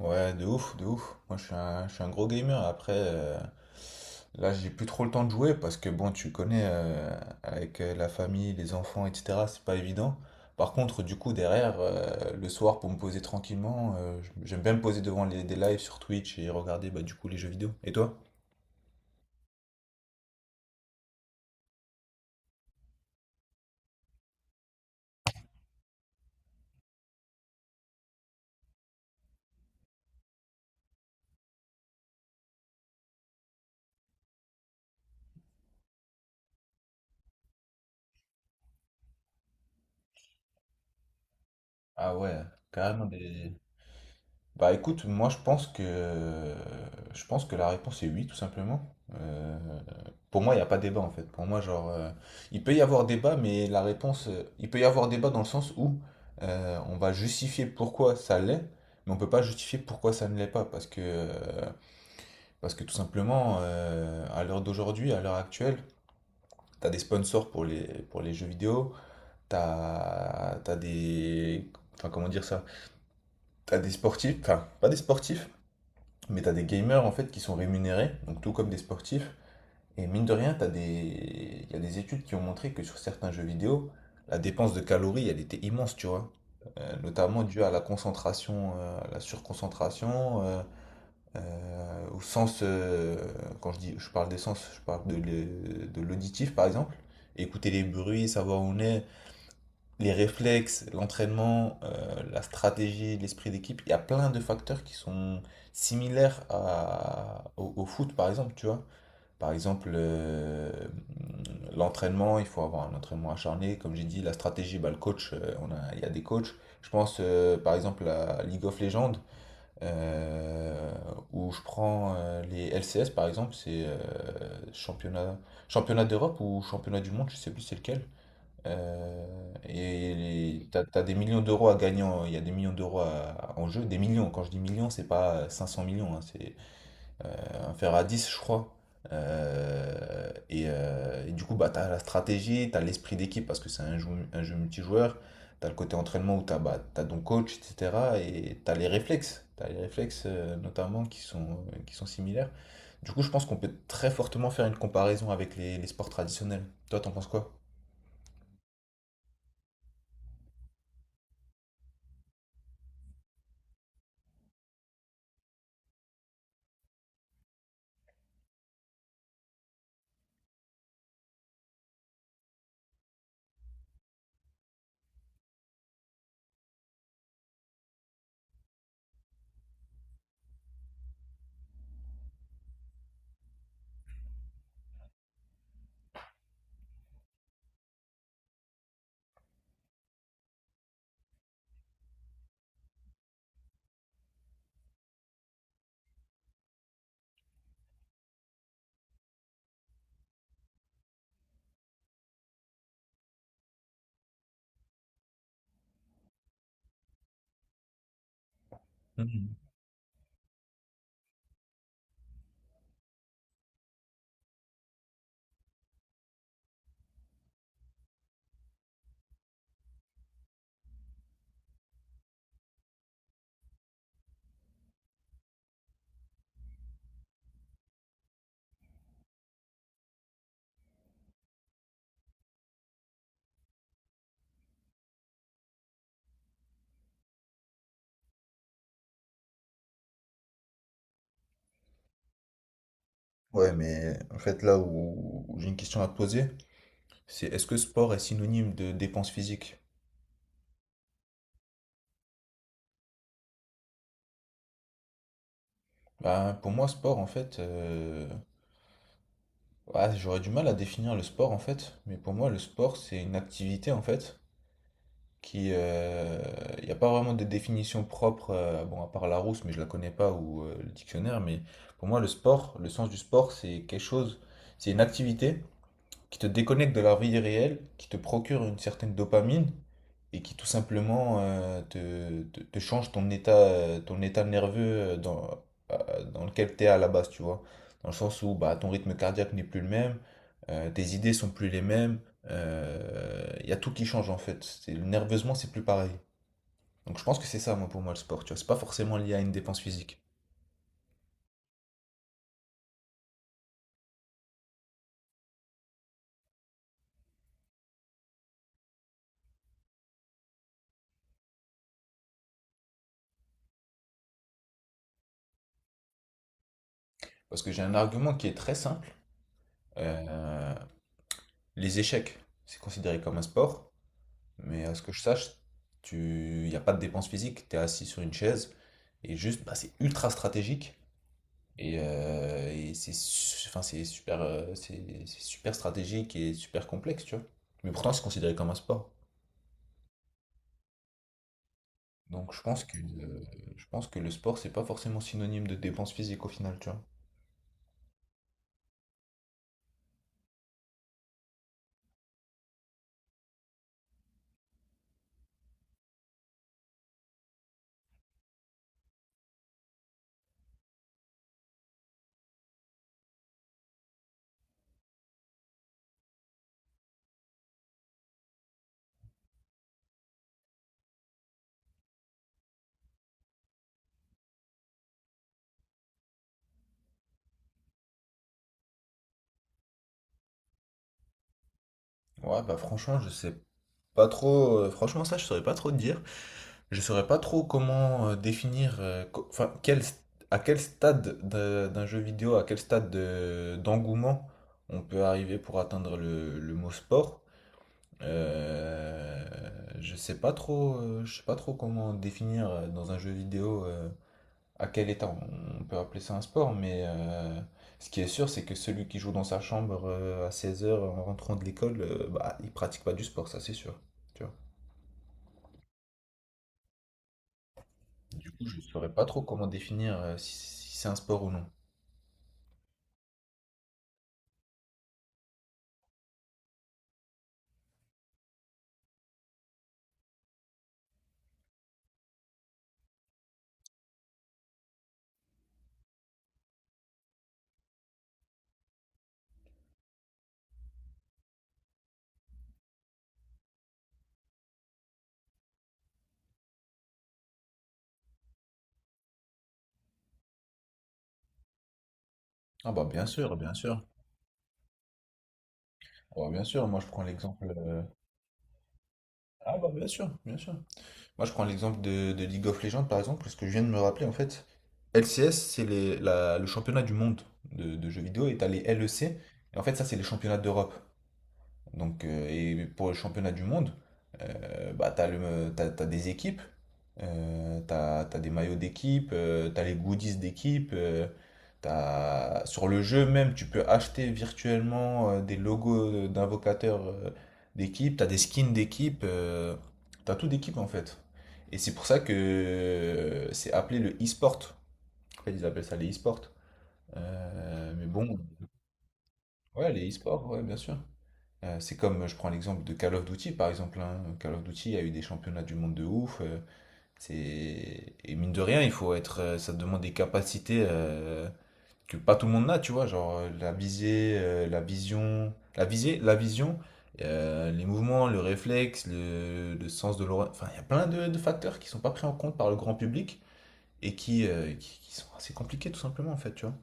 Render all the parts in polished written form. Ouais, de ouf, de ouf. Moi, je suis un gros gamer. Après, là, j'ai plus trop le temps de jouer parce que, bon, tu connais, avec la famille, les enfants, etc., c'est pas évident. Par contre, du coup, derrière, le soir, pour me poser tranquillement, j'aime bien me poser devant des lives sur Twitch et regarder, bah, du coup, les jeux vidéo. Et toi? Ah ouais, carrément des... Bah écoute, moi je pense que la réponse est oui, tout simplement. Euh, pour moi, il n'y a pas débat en fait. Pour moi, genre, il peut y avoir débat, mais la réponse, il peut y avoir débat dans le sens où on va justifier pourquoi ça l'est, mais on peut pas justifier pourquoi ça ne l'est pas, parce que tout simplement, à l'heure d'aujourd'hui, à l'heure actuelle, t'as des sponsors pour les jeux vidéo, t'as des, enfin comment dire ça, t'as des sportifs, enfin pas des sportifs. Mais t'as des gamers en fait qui sont rémunérés, donc tout comme des sportifs. Et mine de rien, il y a des études qui ont montré que sur certains jeux vidéo, la dépense de calories, elle était immense, tu vois. Notamment due à la concentration, à la surconcentration, au sens, quand je dis, je parle des sens, je parle de l'auditif par exemple. Écouter les bruits, savoir où on est, les réflexes, l'entraînement, la stratégie, l'esprit d'équipe, il y a plein de facteurs qui sont similaires au foot, par exemple, tu vois. Par exemple, l'entraînement, il faut avoir un entraînement acharné. Comme j'ai dit, la stratégie, bah, le coach, il y a des coachs. Je pense, par exemple, à League of Legends, euh, où je prends les LCS, par exemple, c'est championnat, championnat d'Europe ou championnat du monde, je sais plus c'est lequel. Euh, et t'as des millions d'euros à gagner, il y a des millions d'euros en jeu, des millions. Quand je dis millions, c'est pas 500 millions, hein, c'est un fer à 10, je crois. Et du coup, bah, t'as la stratégie, t'as l'esprit d'équipe parce que c'est un jeu multijoueur. T'as le côté entraînement où bah, t'as ton coach, etc. Et t'as les réflexes notamment qui sont similaires. Du coup, je pense qu'on peut très fortement faire une comparaison avec les sports traditionnels. Toi, t'en penses quoi? Ouais, mais en fait, là où j'ai une question à te poser, c'est est-ce que sport est synonyme de dépense physique? Bah, pour moi, sport, en fait, ouais, j'aurais du mal à définir le sport, en fait, mais pour moi, le sport, c'est une activité, en fait, qui. Il n'y a pas vraiment de définition propre, bon, à part Larousse, mais je la connais pas, ou le dictionnaire, mais pour moi, le sport, le sens du sport, c'est quelque chose, c'est une activité qui te déconnecte de la vie réelle, qui te procure une certaine dopamine et qui tout simplement te change ton état nerveux euh, dans, dans lequel tu es à la base, tu vois. Dans le sens où bah, ton rythme cardiaque n'est plus le même, tes idées sont plus les mêmes, il y a tout qui change en fait. Nerveusement, c'est plus pareil. Donc je pense que c'est ça, moi, pour moi, le sport, tu vois. C'est pas forcément lié à une dépense physique. Parce que j'ai un argument qui est très simple. Euh, les échecs, c'est considéré comme un sport. Mais à ce que je sache, y a pas de dépense physique. Tu es assis sur une chaise et juste, bah, c'est ultra stratégique. Et enfin, c'est super, c'est super stratégique et super complexe, tu vois. Mais pourtant, c'est considéré comme un sport. Donc, je pense que le sport, c'est pas forcément synonyme de dépense physique au final, tu vois. Ouais, bah franchement, je sais pas trop. Franchement, ça, je saurais pas trop te dire. Je saurais pas trop comment définir, enfin, à quel stade d'un jeu vidéo, à quel stade d'engouement on peut arriver pour atteindre le mot sport. Euh, je sais pas trop, je sais pas trop comment définir dans un jeu vidéo à quel état on peut appeler ça un sport, mais ce qui est sûr, c'est que celui qui joue dans sa chambre à 16 h en rentrant de l'école, bah, il pratique pas du sport, ça c'est sûr. Tu Du coup, je ne saurais pas trop comment définir si c'est un sport ou non. Ah bah bien sûr, bien sûr. Oh, bien sûr, moi je prends l'exemple... Ah bah bien sûr, bien sûr. Moi je prends l'exemple de League of Legends par exemple, parce que je viens de me rappeler en fait. LCS, c'est le championnat du monde de jeux vidéo, et t'as les LEC, et en fait ça c'est les championnats d'Europe. Donc, et pour le championnat du monde, bah, tu as, des équipes, tu as, des maillots d'équipe, tu as les goodies d'équipe, sur le jeu même, tu peux acheter virtuellement des logos d'invocateurs d'équipe, tu as des skins d'équipe, tu as tout d'équipe en fait. Et c'est pour ça que c'est appelé le e-sport. En fait, ils appellent ça les e-sports. Mais bon, ouais, les e-sports, ouais, bien sûr. C'est comme, je prends l'exemple de Call of Duty, par exemple. Hein. Call of Duty a eu des championnats du monde de ouf. C'est... Et mine de rien, il faut être, ça demande des capacités que pas tout le monde n'a, tu vois. Genre la visée, la vision, la visée, la vision, les mouvements, le réflexe, le sens de l'oreille. Enfin, il y a plein de facteurs qui sont pas pris en compte par le grand public et qui sont assez compliqués, tout simplement, en fait, tu vois.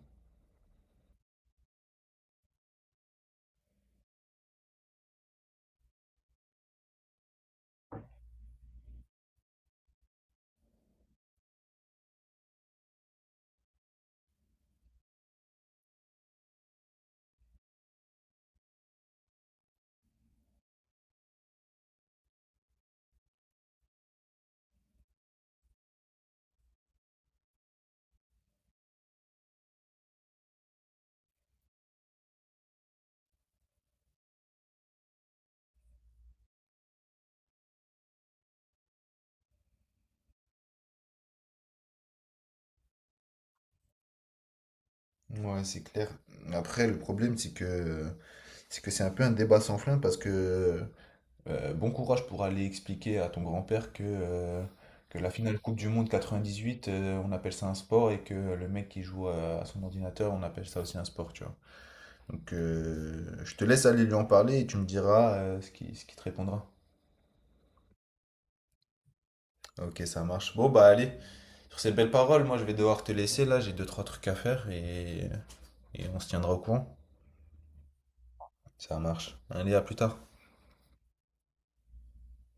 Ouais, c'est clair. Après, le problème, c'est que c'est un peu un débat sans fin parce que bon courage pour aller expliquer à ton grand-père que la finale Coupe du Monde 98, on appelle ça un sport et que le mec qui joue à son ordinateur, on appelle ça aussi un sport, tu vois. Donc je te laisse aller lui en parler et tu me diras ce qui te répondra. Ok, ça marche. Bon, bah allez, sur ces belles paroles, moi je vais devoir te laisser là, j'ai deux, trois trucs à faire et on se tiendra au courant. Ça marche. Allez, à plus tard.